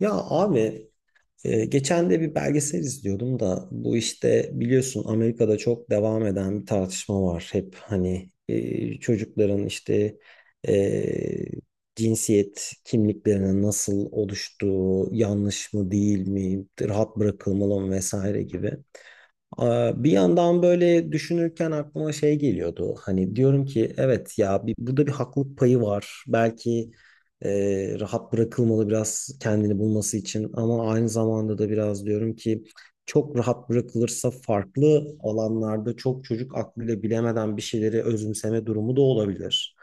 Ya abi geçen de bir belgesel izliyordum da bu işte biliyorsun Amerika'da çok devam eden bir tartışma var. Hep çocukların cinsiyet kimliklerinin nasıl oluştuğu, yanlış mı değil mi, rahat bırakılmalı mı vesaire gibi. Bir yandan böyle düşünürken aklıma şey geliyordu. Hani diyorum ki evet ya bir, burada bir haklılık payı var. Belki rahat bırakılmalı biraz kendini bulması için ama aynı zamanda da biraz diyorum ki çok rahat bırakılırsa farklı alanlarda çok çocuk aklıyla bilemeden bir şeyleri özümseme durumu da olabilir.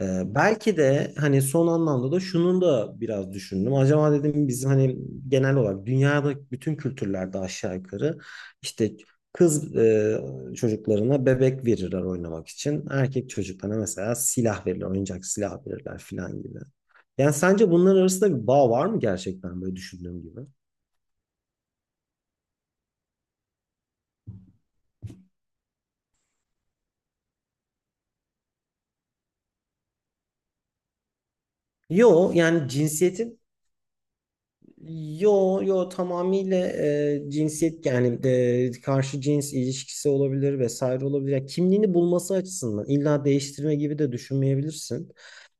Belki de hani son anlamda da şunun da biraz düşündüm. Acaba dedim bizim hani genel olarak dünyada bütün kültürlerde aşağı yukarı işte kız çocuklarına bebek verirler oynamak için. Erkek çocuklarına mesela silah verirler, oyuncak silah verirler filan gibi. Yani sence bunların arasında bir bağ var mı gerçekten böyle düşündüğüm gibi? Yo yani cinsiyetin. Yo yo tamamıyla cinsiyet yani karşı cins ilişkisi olabilir vesaire olabilir. Ya kimliğini bulması açısından illa değiştirme gibi de düşünmeyebilirsin.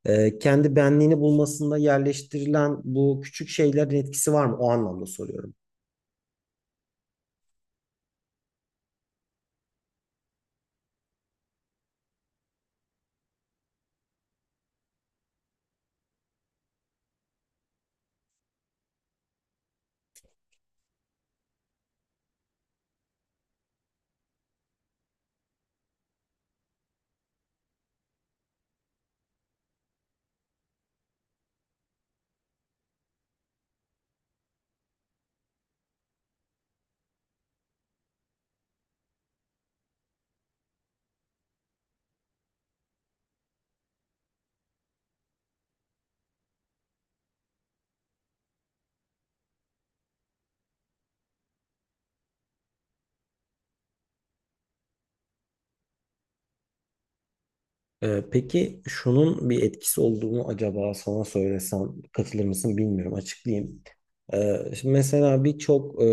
Kendi benliğini bulmasında yerleştirilen bu küçük şeylerin etkisi var mı? O anlamda soruyorum. Peki şunun bir etkisi olduğunu acaba sana söylesem katılır mısın bilmiyorum açıklayayım. Şimdi mesela birçok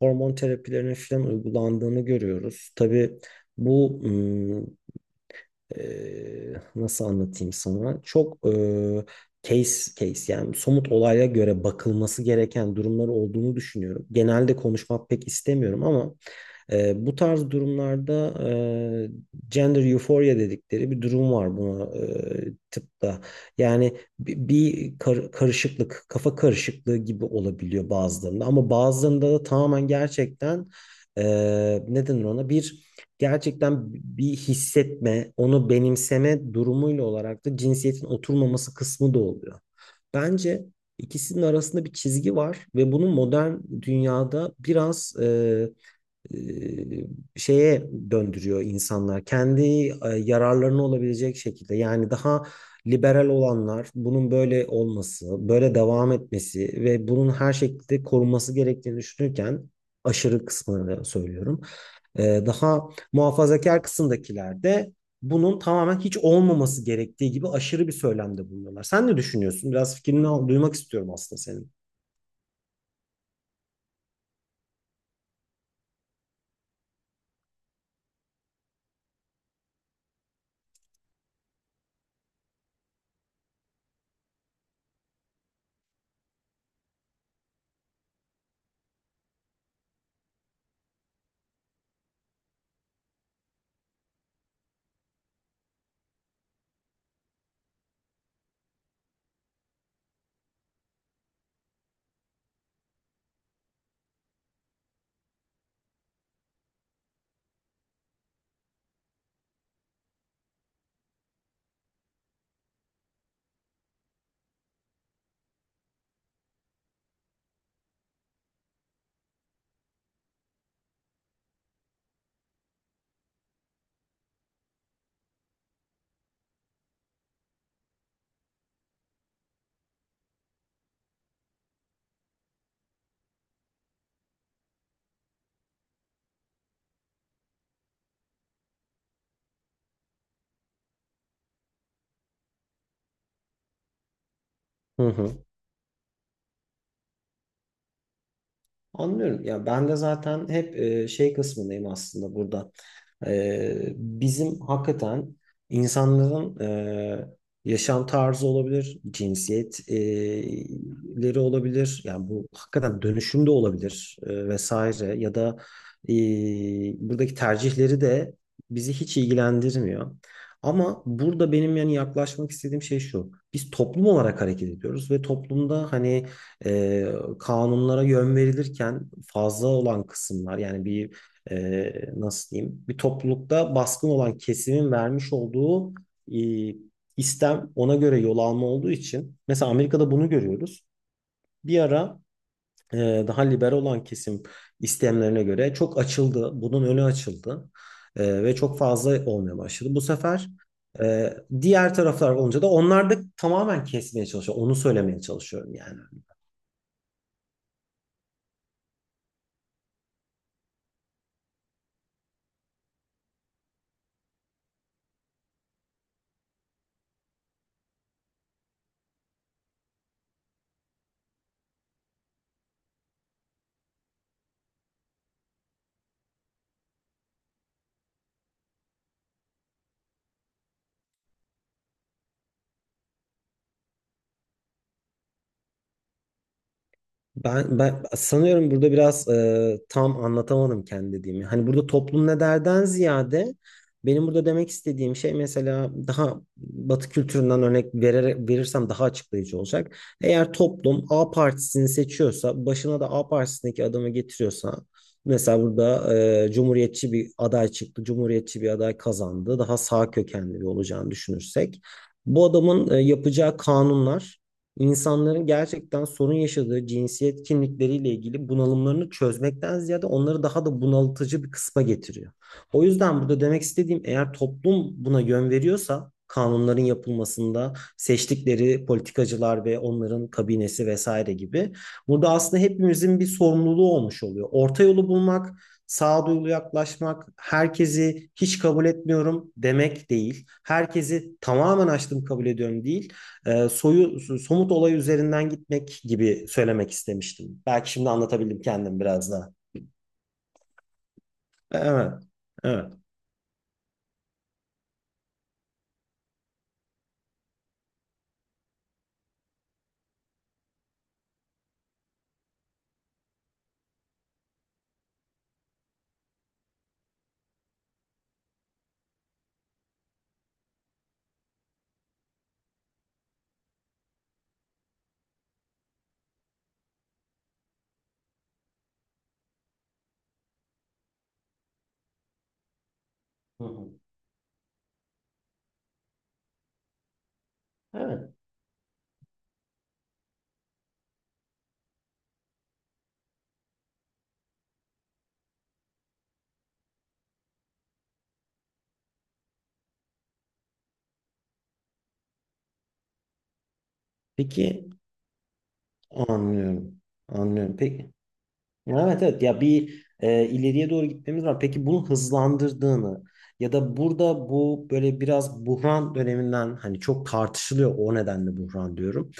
hormon terapilerinin falan uygulandığını görüyoruz. Tabii bu nasıl anlatayım sana? Çok case case yani somut olaya göre bakılması gereken durumlar olduğunu düşünüyorum. Genelde konuşmak pek istemiyorum ama bu tarz durumlarda e, gender euphoria dedikleri bir durum var buna tıpta. Yani karışıklık, kafa karışıklığı gibi olabiliyor bazılarında ama bazılarında da tamamen gerçekten e, ne denir ona bir gerçekten bir hissetme, onu benimseme durumuyla olarak da cinsiyetin oturmaması kısmı da oluyor. Bence ikisinin arasında bir çizgi var ve bunu modern dünyada biraz e, şeye döndürüyor insanlar. Kendi yararlarına olabilecek şekilde. Yani daha liberal olanlar bunun böyle olması, böyle devam etmesi ve bunun her şekilde korunması gerektiğini düşünürken aşırı kısmını söylüyorum. Daha muhafazakar kısımdakiler de bunun tamamen hiç olmaması gerektiği gibi aşırı bir söylemde bulunuyorlar. Sen ne düşünüyorsun? Biraz fikrini duymak istiyorum aslında senin. Hı hı. Anlıyorum. Ya ben de zaten hep şey kısmındayım aslında burada. Bizim hakikaten insanların yaşam tarzı olabilir, cinsiyetleri olabilir. Yani bu hakikaten dönüşüm de olabilir vesaire ya da e, buradaki tercihleri de bizi hiç ilgilendirmiyor. Ama burada benim yani yaklaşmak istediğim şey şu. Biz toplum olarak hareket ediyoruz ve toplumda e, kanunlara yön verilirken fazla olan kısımlar yani bir nasıl diyeyim bir toplulukta baskın olan kesimin vermiş olduğu e, istem ona göre yol alma olduğu için mesela Amerika'da bunu görüyoruz. Bir ara daha liberal olan kesim istemlerine göre çok açıldı. Bunun önü açıldı. Ve çok fazla olmaya başladı. Bu sefer e, diğer taraflar olunca da onlar da tamamen kesmeye çalışıyor. Onu söylemeye çalışıyorum yani. Ben sanıyorum burada biraz tam anlatamadım kendi dediğimi. Hani burada toplum ne derden ziyade benim burada demek istediğim şey mesela daha Batı kültüründen örnek verirsem daha açıklayıcı olacak. Eğer toplum A partisini seçiyorsa başına da A partisindeki adamı getiriyorsa mesela burada Cumhuriyetçi bir aday çıktı. Cumhuriyetçi bir aday kazandı. Daha sağ kökenli bir olacağını düşünürsek bu adamın yapacağı kanunlar İnsanların gerçekten sorun yaşadığı cinsiyet kimlikleriyle ilgili bunalımlarını çözmekten ziyade onları daha da bunaltıcı bir kısma getiriyor. O yüzden burada demek istediğim eğer toplum buna yön veriyorsa kanunların yapılmasında seçtikleri politikacılar ve onların kabinesi vesaire gibi burada aslında hepimizin bir sorumluluğu olmuş oluyor. Orta yolu bulmak, sağduyulu yaklaşmak, herkesi hiç kabul etmiyorum demek değil. Herkesi tamamen açtım kabul ediyorum değil, somut olay üzerinden gitmek gibi söylemek istemiştim. Belki şimdi anlatabildim kendim biraz daha. Evet. Evet. Hı hı. Evet. Peki, anlıyorum. Anlıyorum. Peki. Ya evet evet ya bir ileriye doğru gitmemiz var. Peki bunu hızlandırdığını ya da burada bu böyle biraz buhran döneminden hani çok tartışılıyor o nedenle buhran diyorum.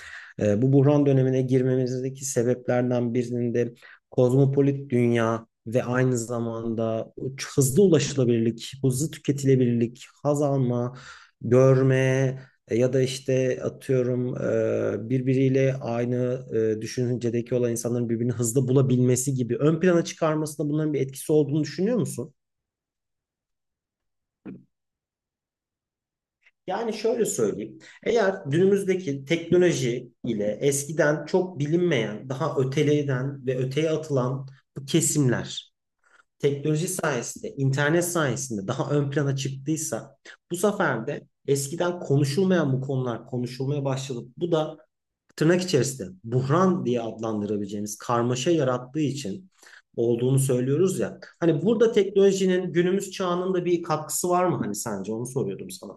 Bu buhran dönemine girmemizdeki sebeplerden birinin de kozmopolit dünya ve aynı zamanda hızlı ulaşılabilirlik, hızlı tüketilebilirlik, haz alma, görme, ya da işte atıyorum birbiriyle aynı düşüncedeki olan insanların birbirini hızlı bulabilmesi gibi ön plana çıkarmasında bunların bir etkisi olduğunu düşünüyor musun? Yani şöyle söyleyeyim. Eğer günümüzdeki teknoloji ile eskiden çok bilinmeyen, daha öteleyden ve öteye atılan bu kesimler teknoloji sayesinde, internet sayesinde daha ön plana çıktıysa bu sefer de eskiden konuşulmayan bu konular konuşulmaya başladı. Bu da tırnak içerisinde buhran diye adlandırabileceğimiz karmaşa yarattığı için olduğunu söylüyoruz ya. Hani burada teknolojinin günümüz çağının da bir katkısı var mı hani sence? Onu soruyordum sana.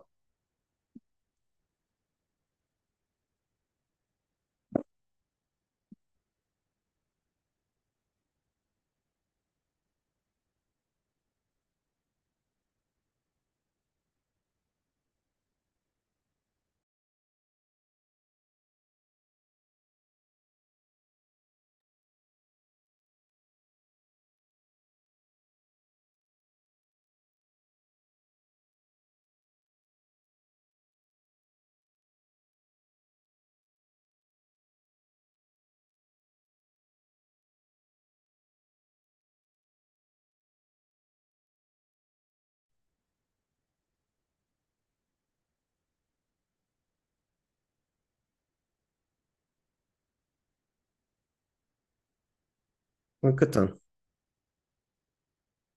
Hakikaten.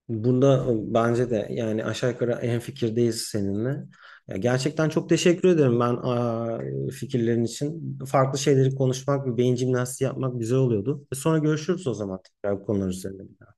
Bunda bence de yani aşağı yukarı en fikirdeyiz seninle. Ya gerçekten çok teşekkür ederim ben fikirlerin için. Farklı şeyleri konuşmak, bir beyin jimnastiği yapmak güzel oluyordu. Sonra görüşürüz o zaman tekrar bu konular üzerinde.